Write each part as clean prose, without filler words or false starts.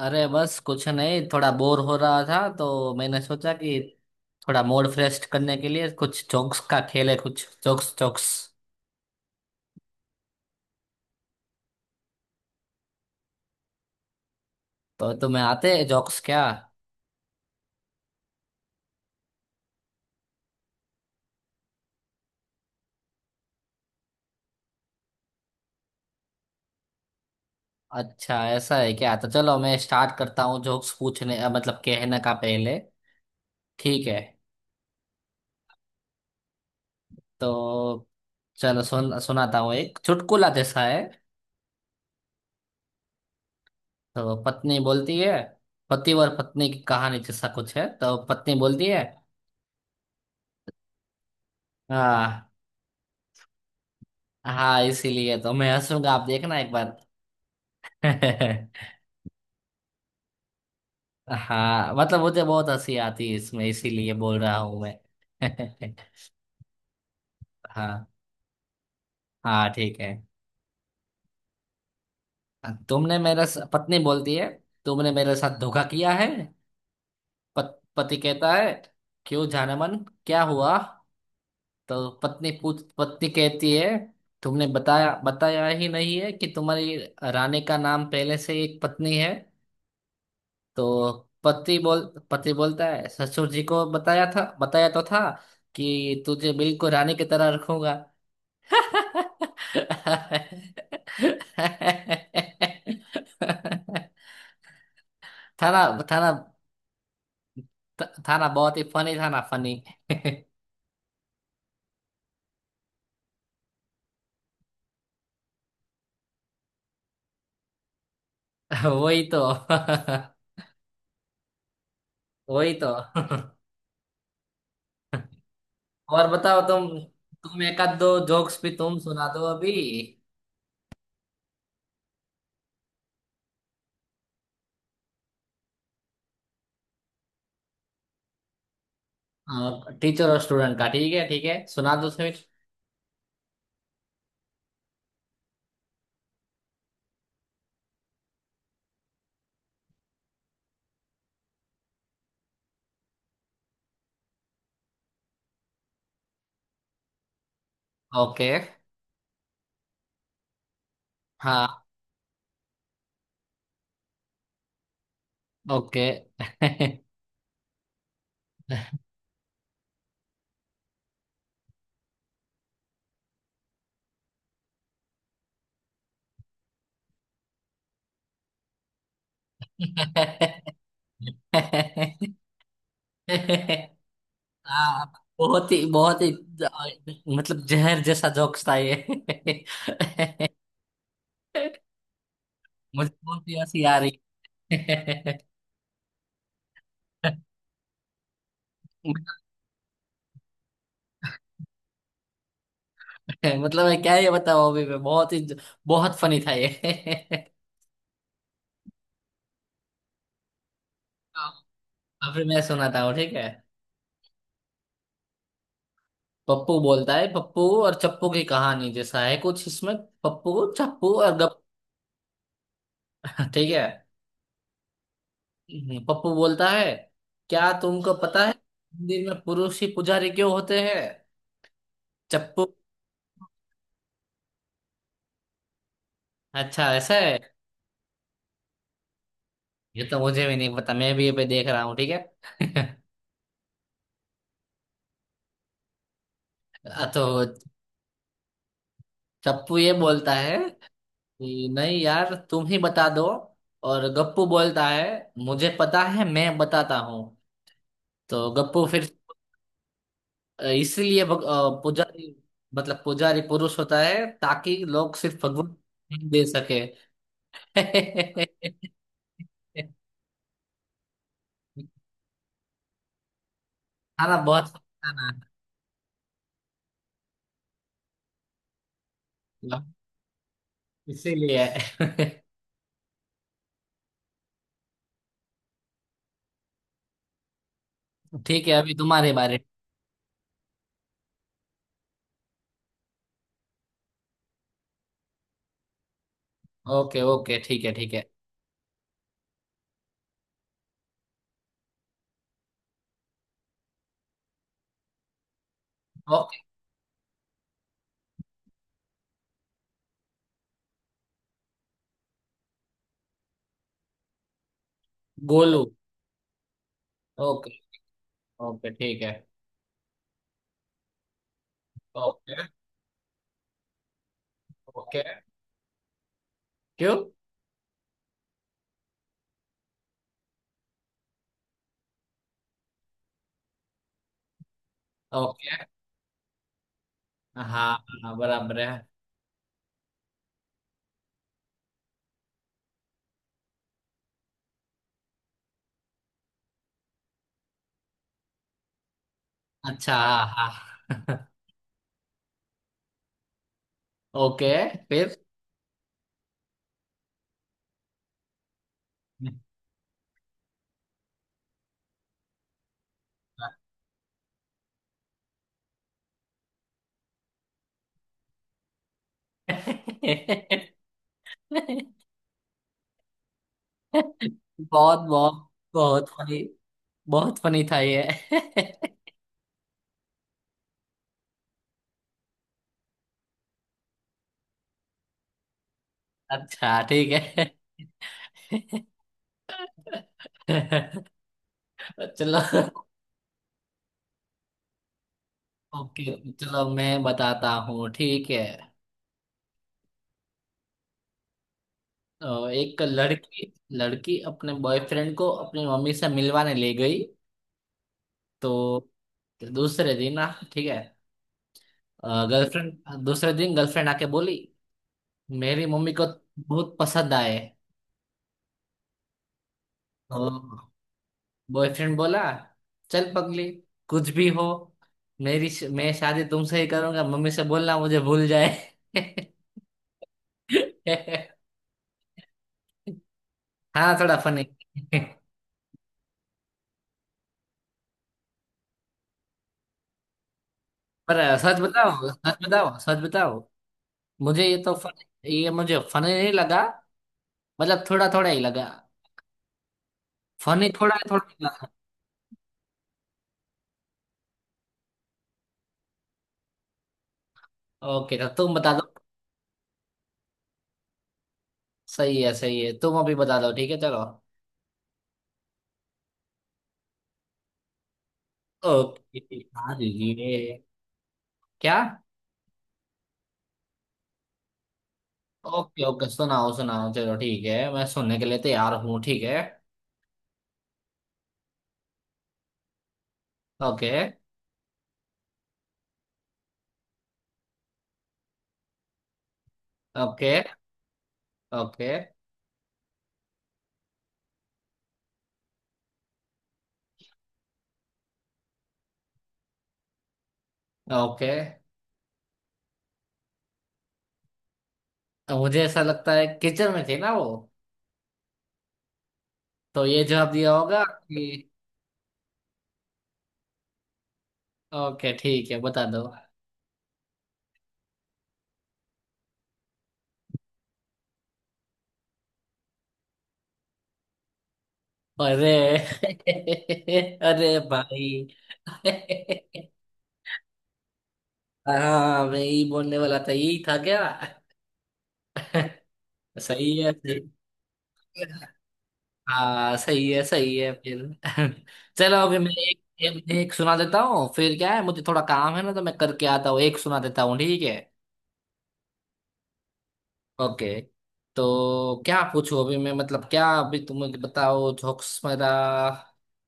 अरे बस कुछ नहीं। थोड़ा बोर हो रहा था तो मैंने सोचा कि थोड़ा मूड फ्रेश करने के लिए कुछ जोक्स का खेल है। कुछ जोक्स जोक्स। तो तुम्हें आते हैं जोक्स क्या? अच्छा, ऐसा है क्या? तो चलो, मैं स्टार्ट करता हूँ जोक्स पूछने, मतलब कहने का, पहले। ठीक है। तो चलो सुनाता हूँ एक चुटकुला जैसा है। तो पत्नी बोलती है। पति और पत्नी की कहानी जैसा कुछ है। तो पत्नी बोलती है। हाँ। हाँ इसीलिए तो मैं हंसूंगा, आप देखना एक बार। हाँ। मतलब मुझे बहुत हंसी आती है इसमें, इसीलिए बोल रहा हूँ मैं। हाँ। हाँ, ठीक है। पत्नी बोलती है। तुमने मेरे साथ धोखा किया है। पति कहता है, क्यों जानमन? क्या हुआ? तो पत्नी कहती है, तुमने बताया बताया ही नहीं है कि तुम्हारी रानी का नाम पहले से एक पत्नी है। तो पति बोल पति बोलता है, ससुर जी को बताया था, बताया तो था कि तुझे बिल्कुल रानी की तरह रखूंगा। था ना? था ना? था ना बहुत ही फनी? था ना फनी? वही तो। वही तो। और बताओ तुम एक आध दो जोक्स भी तुम सुना दो अभी। टीचर और स्टूडेंट का? ठीक है, ठीक है, सुना दो फिर। ओके। हाँ। ओके। हाँ। बहुत ही, मतलब जहर जैसा जोक्स था ये। मुझे बहुत ही हंसी आ रही। मतलब मैं क्या ये बताऊँ? अभी मैं बहुत फनी था ये। अभी मैं सुनाता हूँ, ठीक है। पप्पू बोलता है। पप्पू और चप्पू की कहानी जैसा है कुछ इसमें। पप्पू, चप्पू और गप। ठीक है। पप्पू बोलता है, क्या तुमको पता है मंदिर में पुरुष ही पुजारी क्यों होते हैं? चप्पू। अच्छा, ऐसा है। ये तो मुझे भी नहीं पता, मैं भी ये पे देख रहा हूँ, ठीक है। तो चप्पू ये बोलता है कि नहीं यार, तुम ही बता दो। और गप्पू बोलता है, मुझे पता है, मैं बताता हूँ। तो गप्पू फिर, इसलिए पुजारी, मतलब पुजारी पुरुष होता है ताकि लोग सिर्फ भगवान ही दे सके। खाना बहुत खाना, इसीलिए। ठीक है, अभी तुम्हारे बारे। ओके, ओके, ठीक है, ठीक है। ओके। गोलू। ओके, ओके, ठीक है। ओके। ओके। क्यों? ओके। हाँ, हाँ बराबर है। अच्छा। हाँ। हाँ। ओके। फिर? बहुत, बहुत, बहुत फनी। बहुत फनी था ये। अच्छा, ठीक है, चलो। ओके, चलो मैं बताता हूँ, ठीक है। एक लड़की लड़की अपने बॉयफ्रेंड को अपनी मम्मी से मिलवाने ले गई। तो दूसरे दिन ना, ठीक है। गर्लफ्रेंड दूसरे दिन गर्लफ्रेंड आके बोली, मेरी मम्मी को बहुत पसंद आए। और बॉयफ्रेंड बोला, चल पगली, कुछ भी हो, मेरी मैं शादी तुमसे ही करूंगा, मम्मी से बोलना मुझे भूल जाए। हाँ, थोड़ा फनी। पर सच बताओ, सच बताओ, सच बताओ। मुझे ये तो फन ये मुझे फनी नहीं लगा। मतलब थोड़ा थोड़ा ही लगा। फनी थोड़ा थोड़ा लगा। ओके, तो तुम बता दो। सही है, सही है। तुम अभी बता दो, ठीक है, चलो। ओके। हाँ, ये क्या? ओके, ओके, सुनाओ, सुनाओ, चलो, ठीक है। मैं सुनने के लिए तैयार हूँ, ठीक है। ओके। ओके। ओके। ओके। मुझे ऐसा लगता है किचन में थी ना वो, तो ये जवाब दिया होगा कि। ओके, ठीक है, बता दो। अरे। अरे भाई। हाँ, मैं यही बोलने वाला था। यही था क्या? सही है, सही। हाँ, सही है, सही है फिर। चलो अभी मैं एक सुना देता हूँ। फिर क्या है, मुझे थोड़ा काम है ना, तो मैं करके आता हूँ, एक सुना देता हूँ, ठीक है। ओके। तो क्या पूछूं अभी मैं, मतलब क्या? अभी तुम मुझे बताओ जोक्स मेरा।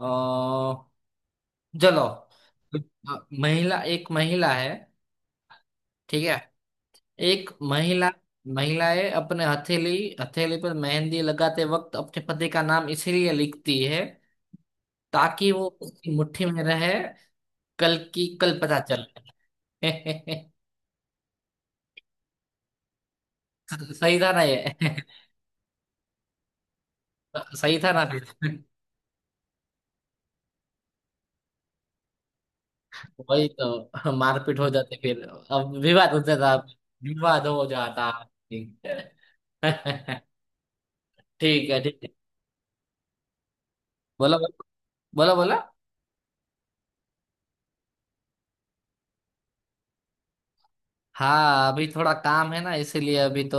अ, चलो। अ, महिला एक महिला है, ठीक है। एक महिला महिलाएं अपने हथेली हथेली पर मेहंदी लगाते वक्त अपने पति का नाम इसीलिए लिखती है, ताकि वो उसकी मुट्ठी में रहे। कल की कल पता चल। सही था ना ये? सही था ना फिर? वही तो। मारपीट हो जाती फिर, अब विवाद होता था, विवाद हो जाता। ठीक है। ठीक है, ठीक है, बोलो, बोलो, बोलो। हाँ, अभी थोड़ा काम है ना, इसीलिए अभी तो,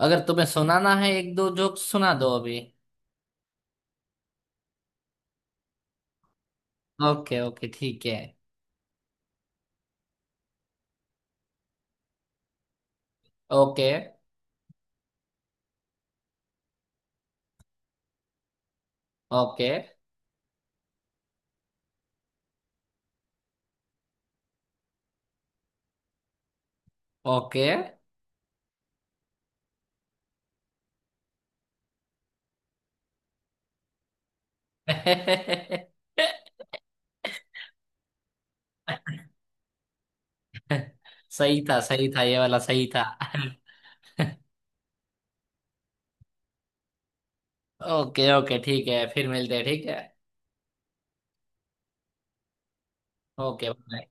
अगर तुम्हें सुनाना है एक दो जोक, सुना दो अभी। ओके, ओके, ठीक है। Okay, okay, okay. सही था, सही था, ये वाला सही था। ओके, ओके, ठीक है, फिर मिलते हैं, ठीक है। Okay, bye.